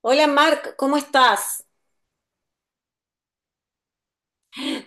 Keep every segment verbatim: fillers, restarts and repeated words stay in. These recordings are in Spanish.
Hola Marc, ¿cómo estás?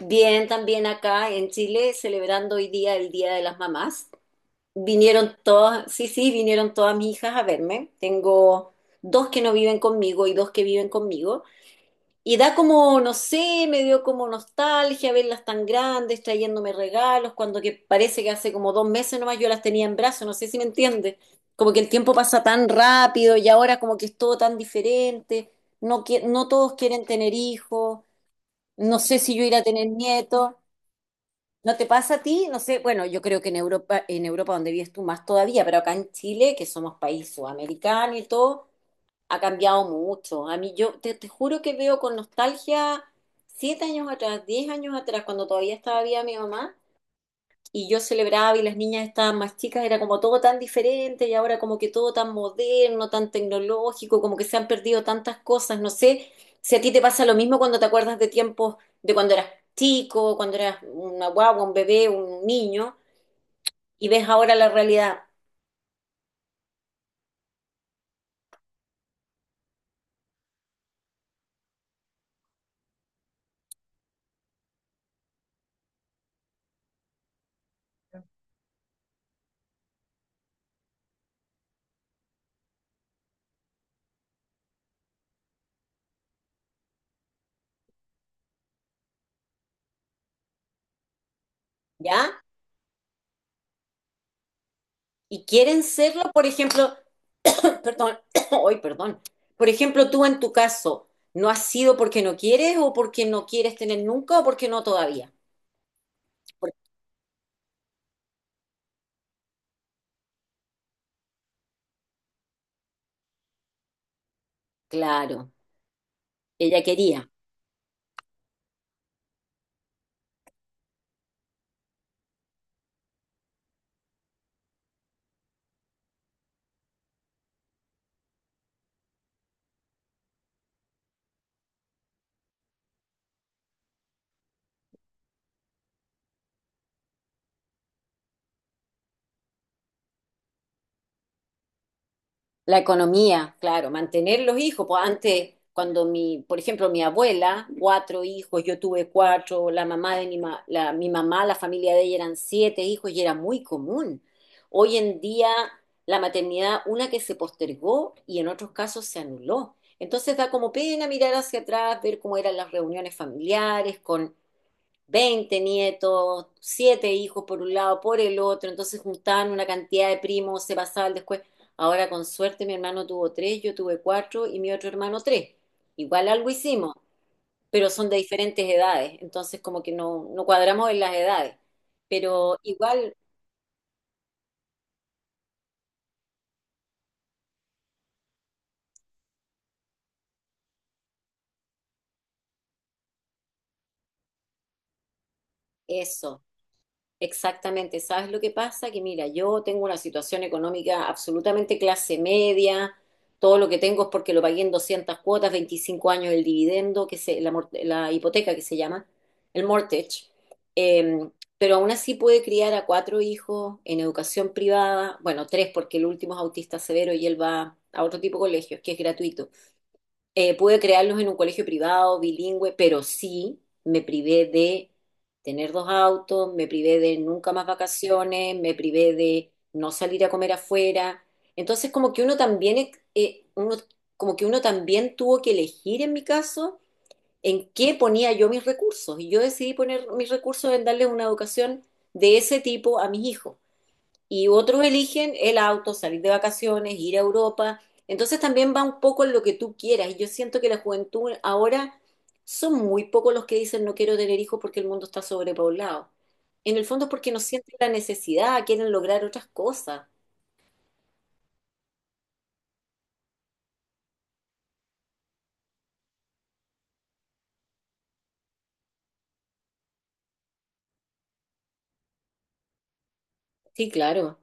Bien, también acá en Chile, celebrando hoy día el Día de las Mamás. Vinieron todas, sí, sí, vinieron todas mis hijas a verme. Tengo dos que no viven conmigo y dos que viven conmigo. Y da como, no sé, me dio como nostalgia verlas tan grandes, trayéndome regalos, cuando que parece que hace como dos meses nomás yo las tenía en brazos, no sé si me entiendes. Como que el tiempo pasa tan rápido y ahora como que es todo tan diferente. No, qui- no todos quieren tener hijos. No sé si yo iré a tener nietos. ¿No te pasa a ti? No sé. Bueno, yo creo que en Europa, en Europa donde vives tú más todavía, pero acá en Chile, que somos país sudamericano y todo, ha cambiado mucho. A mí yo te, te juro que veo con nostalgia siete años atrás, diez años atrás, cuando todavía estaba viva mi mamá, y yo celebraba y las niñas estaban más chicas, era como todo tan diferente y ahora como que todo tan moderno, tan tecnológico, como que se han perdido tantas cosas, no sé si a ti te pasa lo mismo cuando te acuerdas de tiempos de cuando eras chico, cuando eras una guagua, un bebé, un niño y ves ahora la realidad. ¿Ya? Y quieren serlo, por ejemplo, perdón, hoy perdón. Por ejemplo, tú en tu caso, ¿no has sido porque no quieres o porque no quieres tener nunca o porque no todavía? Por- claro, ella quería. La economía, claro, mantener los hijos. Pues antes, cuando mi, por ejemplo, mi abuela, cuatro hijos, yo tuve cuatro, la mamá de mi, ma- la, mi mamá, la familia de ella eran siete hijos y era muy común. Hoy en día, la maternidad, una que se postergó y en otros casos se anuló. Entonces da como pena mirar hacia atrás, ver cómo eran las reuniones familiares con veinte nietos, siete hijos por un lado, por el otro, entonces juntaban una cantidad de primos, se pasaba el después. Ahora con suerte mi hermano tuvo tres, yo tuve cuatro y mi otro hermano tres. Igual algo hicimos, pero son de diferentes edades, entonces como que no, no cuadramos en las edades, pero igual eso. Exactamente, ¿sabes lo que pasa? Que mira, yo tengo una situación económica absolutamente clase media, todo lo que tengo es porque lo pagué en doscientas cuotas, veinticinco años el dividendo, que se, la, mor- la hipoteca que se llama, el mortgage. Eh, pero aún así pude criar a cuatro hijos en educación privada, bueno, tres porque el último es autista severo y él va a otro tipo de colegios, que es gratuito. Eh, pude crearlos en un colegio privado, bilingüe, pero sí me privé de tener dos autos, me privé de nunca más vacaciones, me privé de no salir a comer afuera. Entonces, como que uno también, e, eh, uno, como que uno también tuvo que elegir en mi caso en qué ponía yo mis recursos. Y yo decidí poner mis recursos en darles una educación de ese tipo a mis hijos y otros eligen el auto, salir de vacaciones, ir a Europa. Entonces también va un poco en lo que tú quieras. Y yo siento que la juventud ahora son muy pocos los que dicen no quiero tener hijos porque el mundo está sobrepoblado. En el fondo es porque no sienten la necesidad, quieren lograr otras cosas. Sí, claro.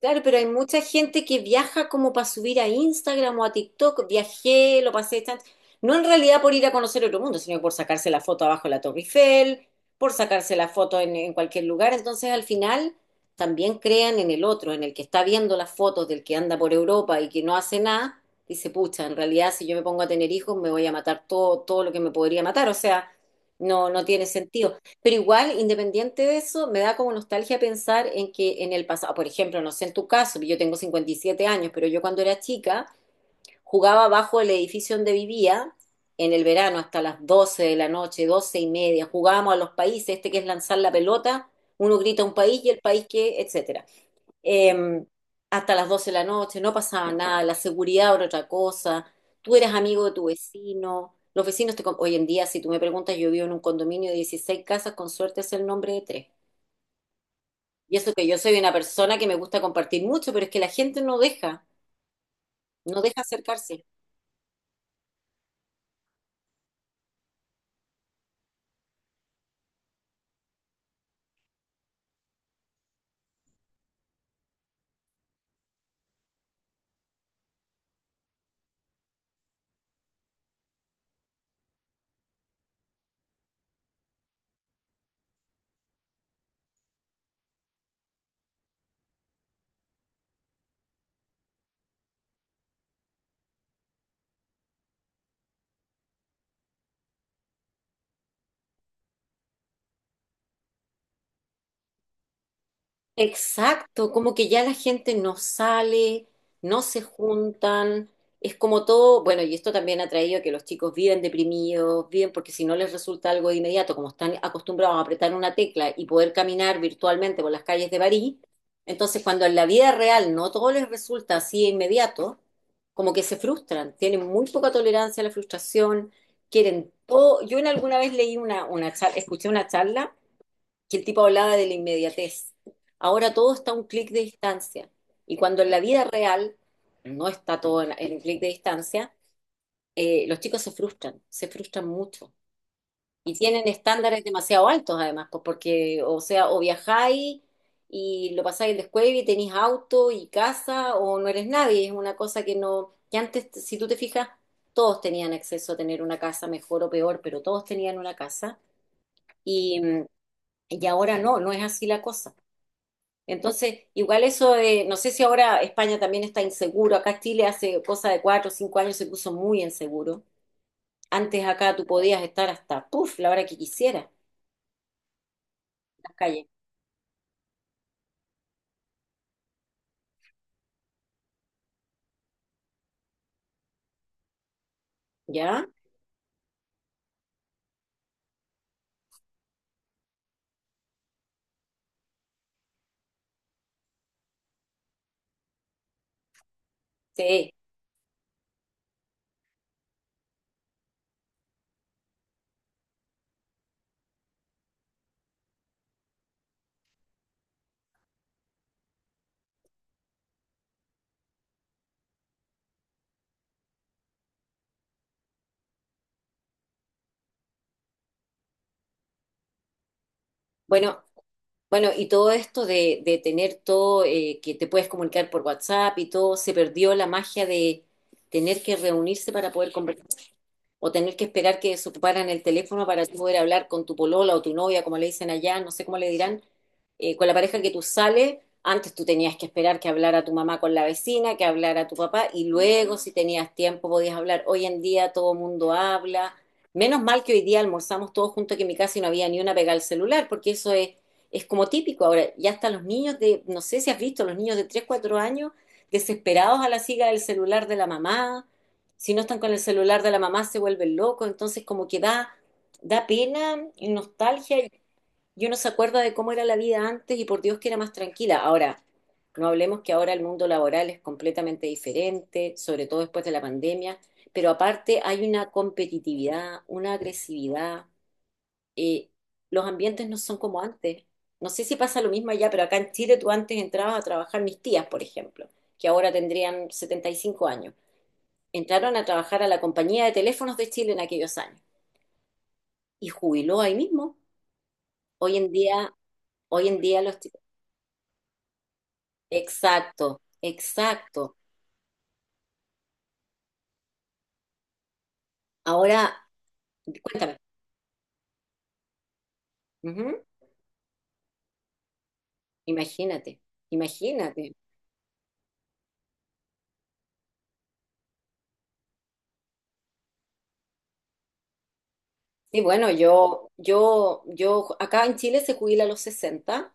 Claro, pero hay mucha gente que viaja como para subir a Instagram o a TikTok. Viajé, lo pasé tan... No en realidad por ir a conocer otro mundo, sino por sacarse la foto abajo de la Torre Eiffel, por sacarse la foto en, en cualquier lugar. Entonces, al final, también crean en el otro, en el que está viendo las fotos del que anda por Europa y que no hace nada. Dice, pucha, en realidad, si yo me pongo a tener hijos, me voy a matar todo, todo lo que me podría matar. O sea, no, no tiene sentido. Pero igual, independiente de eso, me da como nostalgia pensar en que en el pasado, por ejemplo, no sé en tu caso, yo tengo cincuenta y siete años, pero yo cuando era chica jugaba bajo el edificio donde vivía en el verano hasta las doce de la noche, doce y media, jugábamos a los países, este que es lanzar la pelota, uno grita un país y el país que, etcétera, eh, hasta las doce de la noche, no pasaba nada, la seguridad era otra cosa, tú eras amigo de tu vecino, los vecinos te... con- Hoy en día, si tú me preguntas, yo vivo en un condominio de dieciséis casas, con suerte es el nombre de tres. Y eso que yo soy una persona que me gusta compartir mucho, pero es que la gente no deja, no deja acercarse. Exacto, como que ya la gente no sale, no se juntan, es como todo, bueno, y esto también ha traído a que los chicos viven deprimidos, viven porque si no les resulta algo de inmediato, como están acostumbrados a apretar una tecla y poder caminar virtualmente por las calles de París, entonces cuando en la vida real no todo les resulta así de inmediato, como que se frustran, tienen muy poca tolerancia a la frustración, quieren todo. Yo en alguna vez leí una, una charla, escuché una charla que el tipo hablaba de la inmediatez. Ahora todo está a un clic de distancia. Y cuando en la vida real no está todo en, en un clic de distancia, eh, los chicos se frustran, se frustran mucho. Y tienen estándares demasiado altos además, pues porque, o sea, o viajáis y lo pasáis en la escuela y tenéis auto y casa, o no eres nadie. Es una cosa que no, que antes, si tú te fijas, todos tenían acceso a tener una casa, mejor o peor, pero todos tenían una casa. Y, mm, y ahora no, no es así la cosa. Entonces, igual eso de, no sé si ahora España también está inseguro, acá Chile hace cosa de cuatro o cinco años se puso muy inseguro. Antes acá tú podías estar hasta, puff, la hora que quisieras en las calles. ¿Ya? Sí. Bueno, bueno, y todo esto de, de tener todo, eh, que te puedes comunicar por WhatsApp y todo, se perdió la magia de tener que reunirse para poder conversar, o tener que esperar que desocuparan el teléfono para tú poder hablar con tu polola o tu novia, como le dicen allá, no sé cómo le dirán, eh, con la pareja que tú sales, antes tú tenías que esperar que hablara tu mamá con la vecina, que hablara tu papá, y luego si tenías tiempo podías hablar. Hoy en día todo el mundo habla. Menos mal que hoy día almorzamos todos juntos que en mi casa y no había ni una pegada al celular, porque eso es, es como típico. Ahora, ya hasta los niños de, no sé si has visto, los niños de tres cuatro años desesperados a la siga del celular de la mamá, si no están con el celular de la mamá se vuelven locos, entonces como que da, da pena y nostalgia y y uno se acuerda de cómo era la vida antes y por Dios que era más tranquila. Ahora, no hablemos que ahora el mundo laboral es completamente diferente, sobre todo después de la pandemia, pero aparte hay una competitividad, una agresividad, eh, los ambientes no son como antes. No sé si pasa lo mismo allá, pero acá en Chile tú antes entrabas a trabajar mis tías, por ejemplo, que ahora tendrían setenta y cinco años, entraron a trabajar a la compañía de teléfonos de Chile en aquellos años y jubiló ahí mismo. Hoy en día, hoy en día los chicos. Exacto, exacto. Ahora, cuéntame. Ujú. Imagínate, imagínate. Y bueno, yo, yo, yo, acá en Chile se jubila a los sesenta,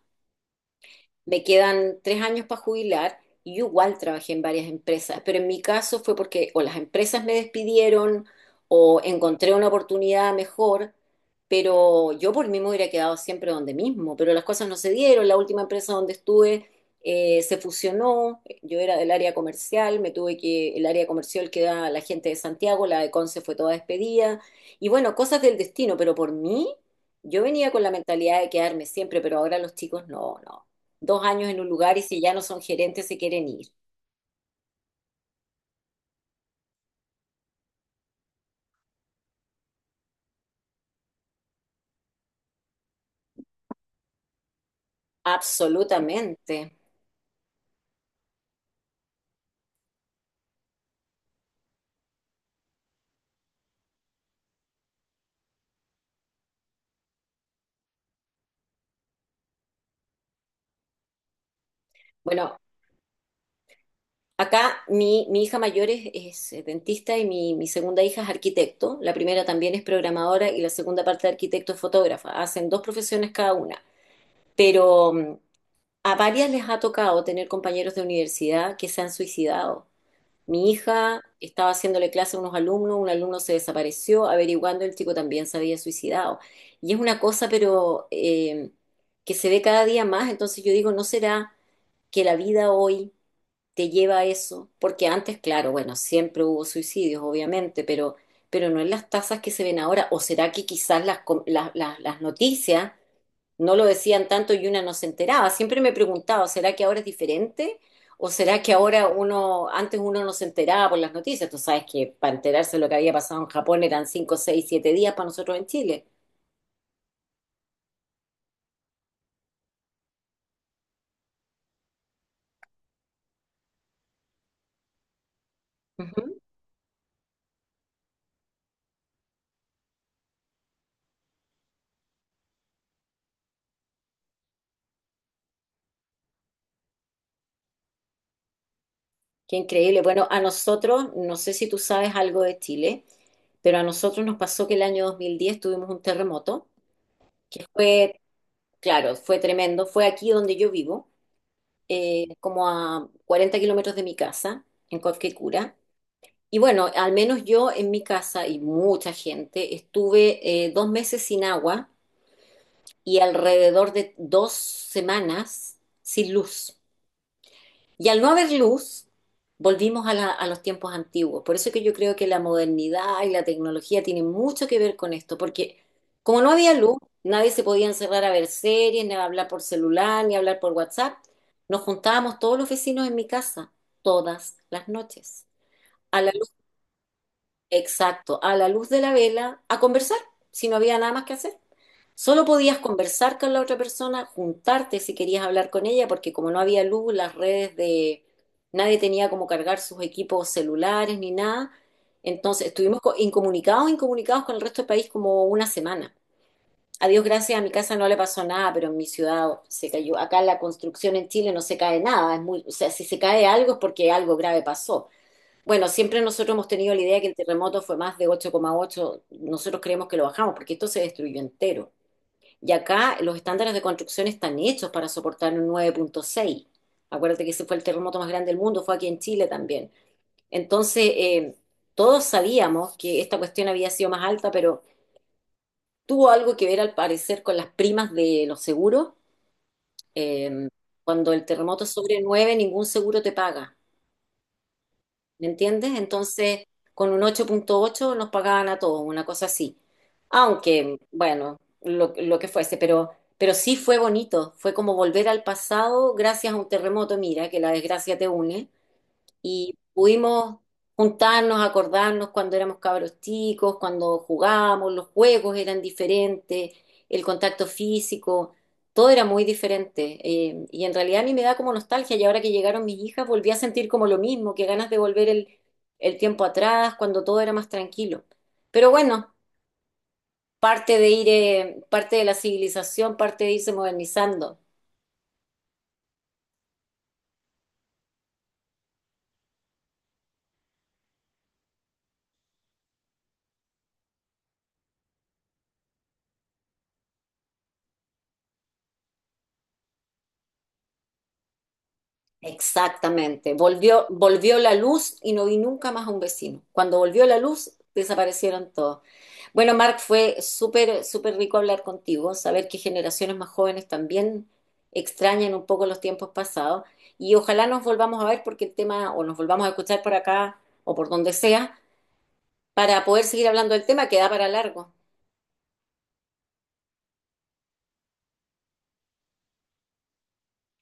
me quedan tres años para jubilar y yo igual trabajé en varias empresas, pero en mi caso fue porque o las empresas me despidieron o encontré una oportunidad mejor, pero yo por mí me hubiera quedado siempre donde mismo, pero las cosas no se dieron, la última empresa donde estuve eh, se fusionó, yo era del área comercial, me tuve que, el área comercial queda la gente de Santiago, la de Conce fue toda despedida, y bueno, cosas del destino, pero por mí... Yo venía con la mentalidad de quedarme siempre, pero ahora los chicos no, no, dos años en un lugar y si ya no son gerentes se quieren ir. Absolutamente. Bueno, acá mi, mi hija mayor es, es, eh, dentista y mi, mi segunda hija es arquitecto. La primera también es programadora y la segunda parte de arquitecto es fotógrafa. Hacen dos profesiones cada una. Pero mm, a varias les ha tocado tener compañeros de universidad que se han suicidado. Mi hija estaba haciéndole clase a unos alumnos, un alumno se desapareció, averiguando el chico también se había suicidado. Y es una cosa, pero eh, que se ve cada día más, entonces yo digo, ¿no será que la vida hoy te lleva a eso? Porque antes, claro, bueno, siempre hubo suicidios, obviamente, pero, pero no en las tasas que se ven ahora, o será que quizás las, com- las las- las noticias no lo decían tanto y una no se enteraba. Siempre me he preguntado, ¿será que ahora es diferente? ¿O será que ahora uno, antes uno no se enteraba por las noticias? Tú sabes que para enterarse de lo que había pasado en Japón eran cinco, seis, siete días para nosotros en Chile. Ujú. Qué increíble. Bueno, a nosotros, no sé si tú sabes algo de Chile, pero a nosotros nos pasó que el año dos mil diez tuvimos un terremoto, que fue, claro, fue tremendo. Fue aquí donde yo vivo, eh, como a cuarenta kilómetros de mi casa, en Cobquecura. Y bueno, al menos yo en mi casa y mucha gente estuve eh, dos meses sin agua y alrededor de dos semanas sin luz. Y al no haber luz, volvimos a, la- a los tiempos antiguos. Por eso que yo creo que la modernidad y la tecnología tienen mucho que ver con esto, porque como no había luz, nadie se podía encerrar a ver series, ni a hablar por celular, ni a hablar por WhatsApp. Nos juntábamos todos los vecinos en mi casa, todas las noches. A la Exacto, a la luz de la vela, a conversar, si no había nada más que hacer. Solo podías conversar con la otra persona, juntarte si querías hablar con ella, porque como no había luz, las redes de... Nadie tenía como cargar sus equipos celulares ni nada. Entonces estuvimos co- incomunicados, incomunicados con el resto del país como una semana. A Dios gracias, a mi casa no le pasó nada, pero en mi ciudad se cayó. Acá la construcción en Chile no se cae nada. Es muy, o sea, si se cae algo es porque algo grave pasó. Bueno, siempre nosotros hemos tenido la idea que el terremoto fue más de ocho coma ocho. Nosotros creemos que lo bajamos porque esto se destruyó entero. Y acá los estándares de construcción están hechos para soportar un nueve coma seis. Acuérdate que ese fue el terremoto más grande del mundo, fue aquí en Chile también. Entonces, eh, todos sabíamos que esta cuestión había sido más alta, pero tuvo algo que ver al parecer con las primas de los seguros. Eh, Cuando el terremoto es sobre nueve, ningún seguro te paga. ¿Me entiendes? Entonces, con un ocho punto ocho nos pagaban a todos, una cosa así. Aunque, bueno, lo, lo que fuese, pero, pero sí fue bonito. Fue como volver al pasado gracias a un terremoto, mira, que la desgracia te une y pudimos juntarnos, acordarnos cuando éramos cabros chicos, cuando jugábamos, los juegos eran diferentes, el contacto físico, todo era muy diferente. eh, y en realidad a mí me da como nostalgia y ahora que llegaron mis hijas volví a sentir como lo mismo, que ganas de volver el, el tiempo atrás, cuando todo era más tranquilo. Pero bueno, parte de ir, eh, parte de la civilización, parte de irse modernizando. Exactamente. Volvió, volvió la luz y no vi nunca más a un vecino. Cuando volvió la luz, desaparecieron todos. Bueno, Marc, fue súper, súper rico hablar contigo, saber que generaciones más jóvenes también extrañan un poco los tiempos pasados y ojalá nos volvamos a ver porque el tema, o nos volvamos a escuchar por acá o por donde sea, para poder seguir hablando del tema que da para largo.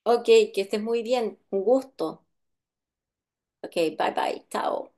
Ok, que estés muy bien. Un gusto. Ok, bye bye. Chao.